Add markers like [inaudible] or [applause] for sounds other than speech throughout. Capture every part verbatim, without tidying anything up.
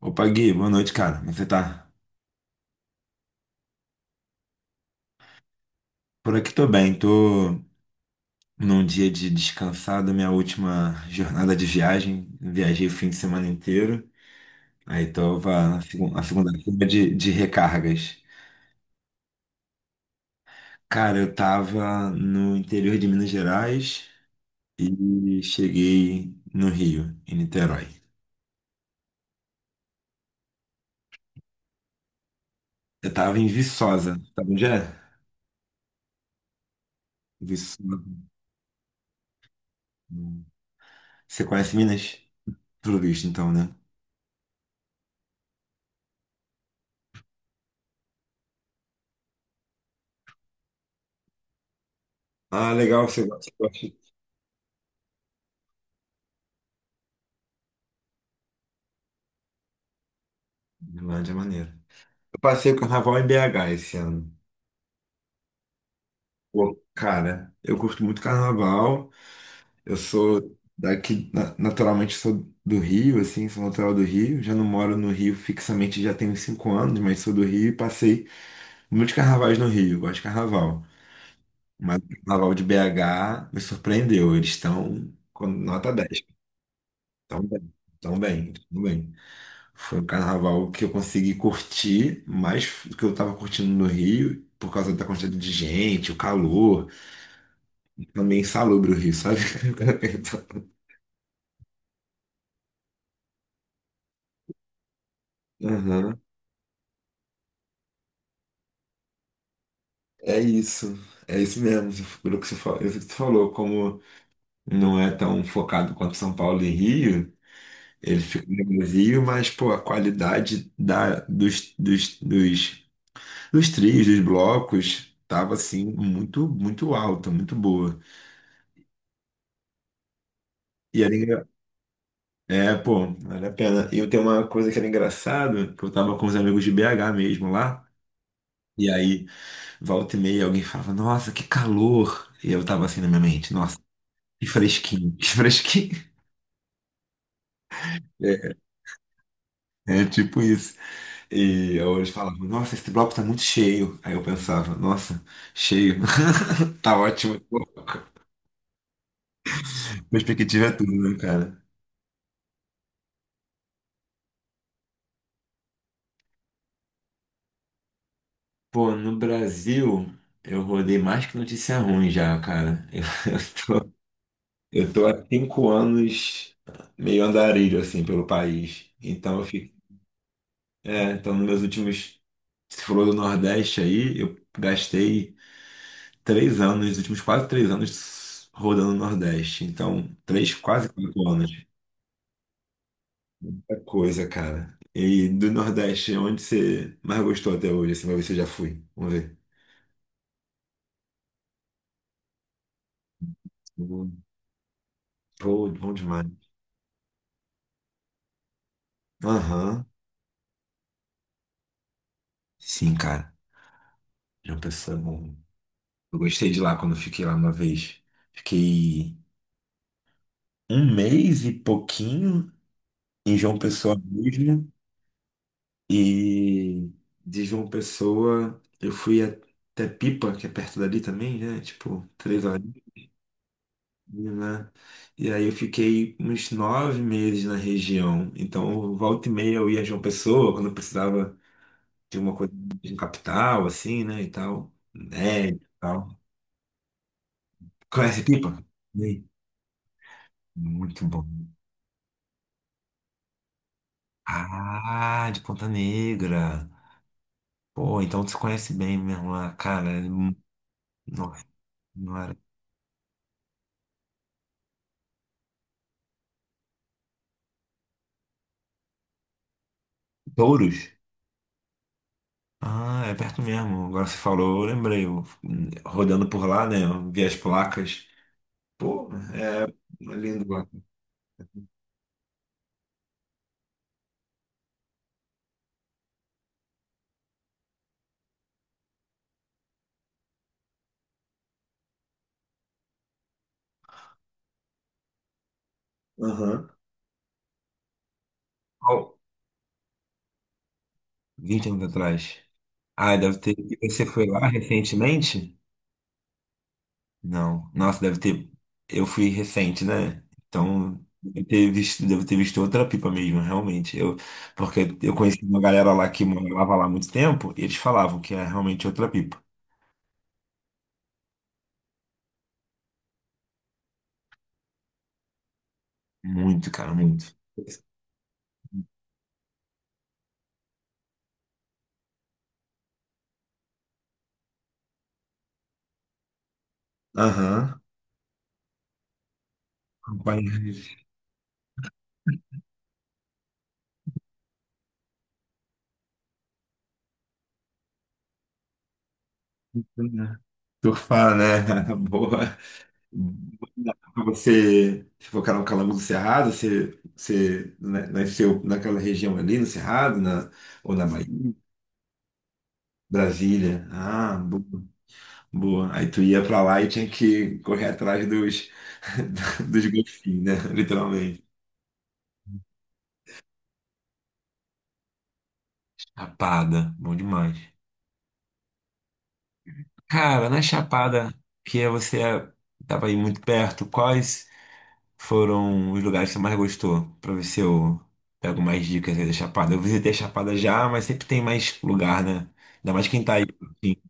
Opa, Gui, boa noite, cara. Como você tá? Por aqui tô bem, tô num dia de descansado, minha última jornada de viagem. Viajei o fim de semana inteiro. Aí tava na segun- na segunda-feira de, de recargas. Cara, eu tava no interior de Minas Gerais e cheguei no Rio, em Niterói. Eu tava em Viçosa, sabe onde é? Viçosa. Você conhece Minas? Tudo visto, então, né? Ah, legal, você gosta. Você gosta. Lá de maneiro. Eu passei o carnaval em B H esse ano. Pô, cara, eu curto muito carnaval. Eu sou daqui, na- naturalmente sou do Rio, assim, sou natural do Rio. Já não moro no Rio fixamente, já tenho cinco anos, mas sou do Rio e passei muitos carnavais no Rio. Gosto de carnaval. Mas o carnaval de B H me surpreendeu. Eles estão com nota dez, tão bem, tão bem, tão bem. Foi o carnaval que eu consegui curtir mais do que eu estava curtindo no Rio. Por causa da quantidade de gente, o calor, é meio insalubre o Rio, sabe? [laughs] Aham. É isso. É isso mesmo. Pelo que você falou, isso que você falou, como não é tão focado quanto São Paulo e Rio, ele fica no Brasil, mas pô, a qualidade da, dos, dos, dos, dos trios, dos blocos, tava assim, muito, muito alta, muito boa. E era, engra- é, pô, vale a pena. E eu tenho uma coisa que era engraçada, que eu tava com os amigos de B H mesmo lá. E aí volta e meia alguém falava, nossa, que calor. E eu tava assim na minha mente, nossa, que fresquinho, que fresquinho. É, é tipo isso. E eu, eles falavam, nossa, esse bloco tá muito cheio. Aí eu pensava, nossa, cheio, [laughs] tá ótimo. Perspectiva é tudo, né, cara? Pô, no Brasil, eu rodei mais que notícia ruim já, cara. Eu, [laughs] eu tô há cinco anos meio andarilho, assim, pelo país. Então eu fico. É, então nos meus últimos Você falou do Nordeste aí, eu gastei três anos, os últimos quase três anos rodando o Nordeste. Então, três, quase quatro anos. Muita coisa, cara. E do Nordeste, onde você mais gostou até hoje? Assim, vai ver se eu já fui. Vamos ver. Bom, pô, bom demais. Aham. Sim, cara. João Pessoa é bom. Eu gostei de lá quando eu fiquei lá uma vez. Fiquei um mês e pouquinho em João Pessoa mesmo. E de João Pessoa, eu fui até Pipa, que é perto dali também, né? Tipo, três horas, né? E aí eu fiquei uns nove meses na região. Então, volta e meia eu ia a João Pessoa, quando eu precisava de uma coisa de um capital, assim, né? E tal. Né? E tal. Conhece Pipa? Sim. Muito bom. Ah, de Ponta Negra. Pô, então você conhece bem mesmo lá, cara. Nossa, não era. Touros? Ah, é perto mesmo. Agora você falou, eu lembrei. Eu, hum, rodando por lá, né? Eu vi as placas. Pô, é lindo lá. Aham. Ó, vinte anos atrás. Ah, deve ter. E você foi lá recentemente? Não. Nossa, deve ter. Eu fui recente, né? Então, deve ter visto, devo ter visto outra pipa mesmo, realmente. Eu, porque eu conheci uma galera lá que morava lá há muito tempo e eles falavam que é realmente outra pipa. Muito, cara, muito. Aham. Acompanhei. Né? Surfar, né? [laughs] Boa. Dá pra você se focar no Calango do Cerrado, você, você na- nasceu naquela região ali, no Cerrado, na, ou na Bahia, Brasília. Ah, boa, boa. Aí tu ia pra lá e tinha que correr atrás dos, [laughs] dos golfinhos, né? [laughs] Literalmente. Chapada, bom demais. Cara, na Chapada, que você estava aí muito perto, quais foram os lugares que você mais gostou? Pra ver se eu pego mais dicas aí da Chapada. Eu visitei a Chapada já, mas sempre tem mais lugar, né? Ainda mais quem tá aí. Assim.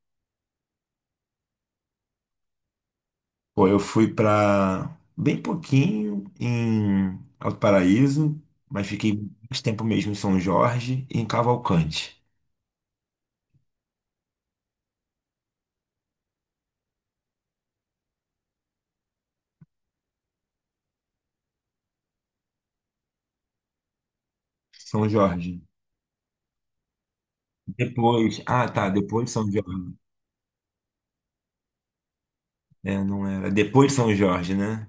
Pô, eu fui pra bem pouquinho em Alto Paraíso, mas fiquei mais tempo mesmo em São Jorge e em Cavalcante. São Jorge. Depois. Ah, tá. Depois de São Jorge. É, não era. Depois de São Jorge, né?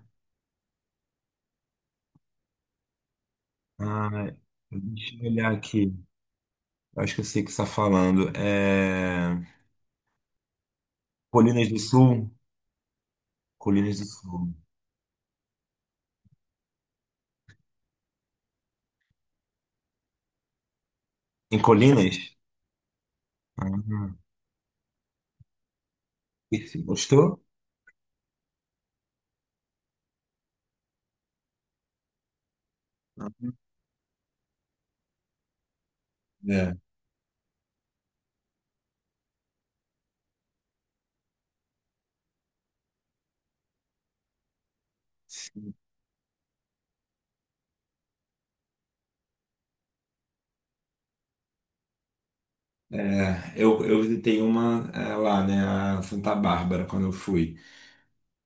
Ah, deixa eu olhar aqui. Eu acho que eu sei o que você está falando. É... Colinas do Sul. Colinas do Sul. Em Colinas? Uhum. Perfeito. Gostou? É. Eu, eu visitei uma é, lá, né, a Santa Bárbara, quando eu fui.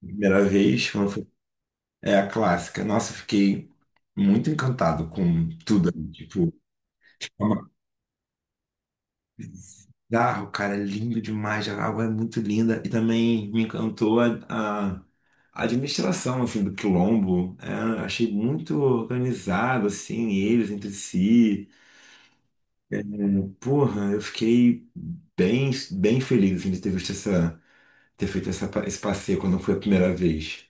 Primeira vez, quando eu fui, é a clássica. Nossa, eu fiquei muito encantado com tudo ali. Tipo, é uma... bizarro, cara, é lindo demais, a água é muito linda. E também me encantou a, a a administração, assim, do Quilombo. É, achei muito organizado, assim, eles entre si. É, porra, eu fiquei bem, bem feliz assim, de ter visto essa, ter feito essa, pa- esse passeio quando foi a primeira vez.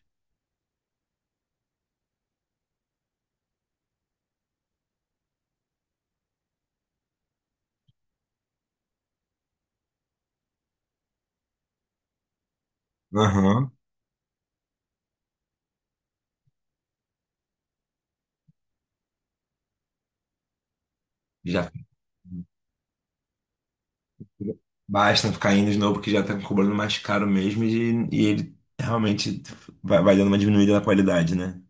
Aham. Já basta ficar indo de novo, porque já tá cobrando mais caro mesmo e, e ele realmente vai, vai dando uma diminuída na qualidade, né?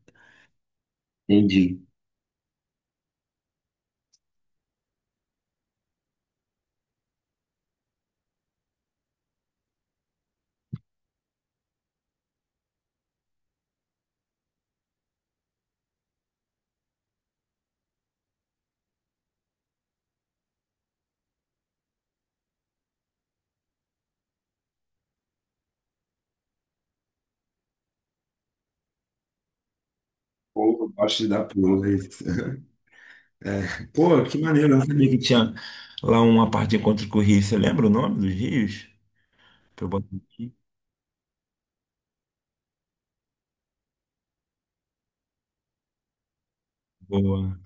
Entendi. Pô, eu gosto de dar pulo. É isso. É. Pô, que maneiro, eu não sabia que tinha lá uma parte de encontro com o Rio. Você lembra o nome dos rios? Pra eu botar aqui. Boa.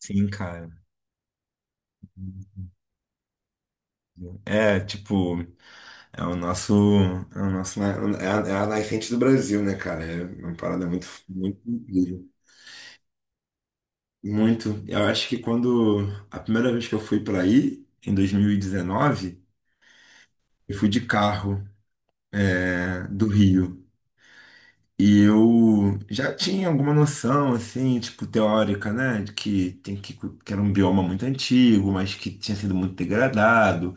Sim, cara. É, tipo. É o nosso, é o nosso, é a, é a nascente do Brasil, né, cara? É uma parada muito, muito incrível. Muito. Eu acho que quando a primeira vez que eu fui para aí, em dois mil e dezenove, eu fui de carro, né, do Rio. E eu já tinha alguma noção, assim, tipo, teórica, né? De que tem que, que era um bioma muito antigo, mas que tinha sido muito degradado,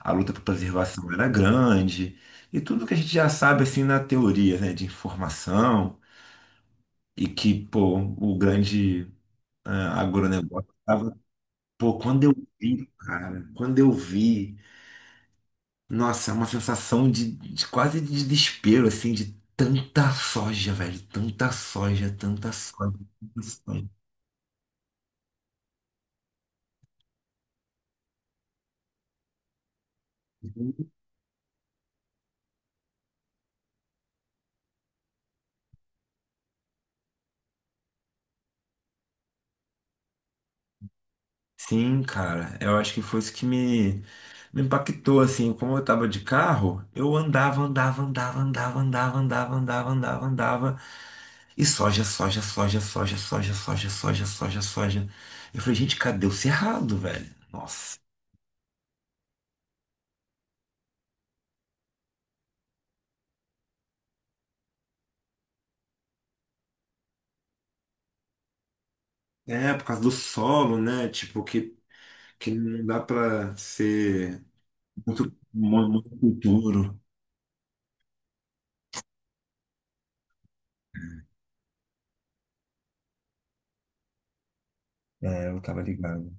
a luta por preservação era grande, e tudo que a gente já sabe, assim, na teoria, né? De informação. E que, pô, o grande ah, agronegócio tava. Pô, quando eu vi, cara, quando eu vi, nossa, é uma sensação de, de quase de desespero, assim, de tanta soja, velho, tanta soja, tanta soja, tanta soja. Sim, cara, eu acho que foi isso que me, me impactou, assim, como eu tava de carro, eu andava, andava, andava, andava, andava, andava, andava, andava, andava, e soja, soja, soja, soja, soja, soja, soja, soja, soja. Eu falei, gente, cadê o cerrado, velho? Nossa. É, por causa do solo, né, tipo, que, que não dá pra ser muito, muito, muito duro. É, eu tava ligado.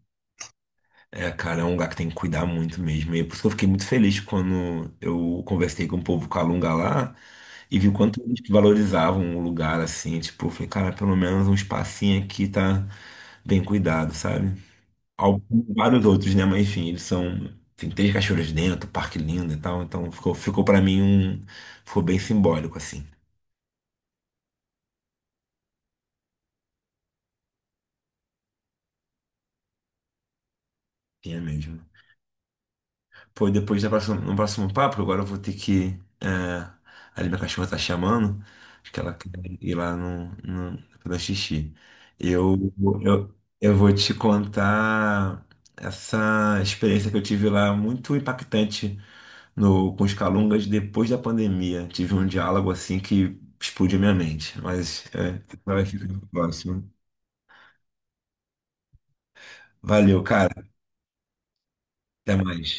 É, cara, é um lugar que tem que cuidar muito mesmo. E é por isso que eu fiquei muito feliz quando eu conversei com o povo Calunga lá e vi o quanto eles valorizavam o lugar, assim. Tipo, eu falei, cara, pelo menos um espacinho aqui tá bem cuidado, sabe? Al- Vários outros, né? Mas enfim, eles são. Tem três cachoeiras dentro, parque lindo e tal. Então ficou, ficou para mim um. Ficou bem simbólico, assim. Tinha mesmo. Pô, depois no próximo, no próximo papo, agora eu vou ter que. É, ali minha cachorra tá chamando, acho que ela quer ir lá no, no, fazer xixi. Eu, eu, eu vou te contar essa experiência que eu tive lá, muito impactante no, com os Calungas depois da pandemia. Tive um diálogo assim que explodiu minha mente, mas é, vai ficar no próximo. Valeu, cara. Até mais.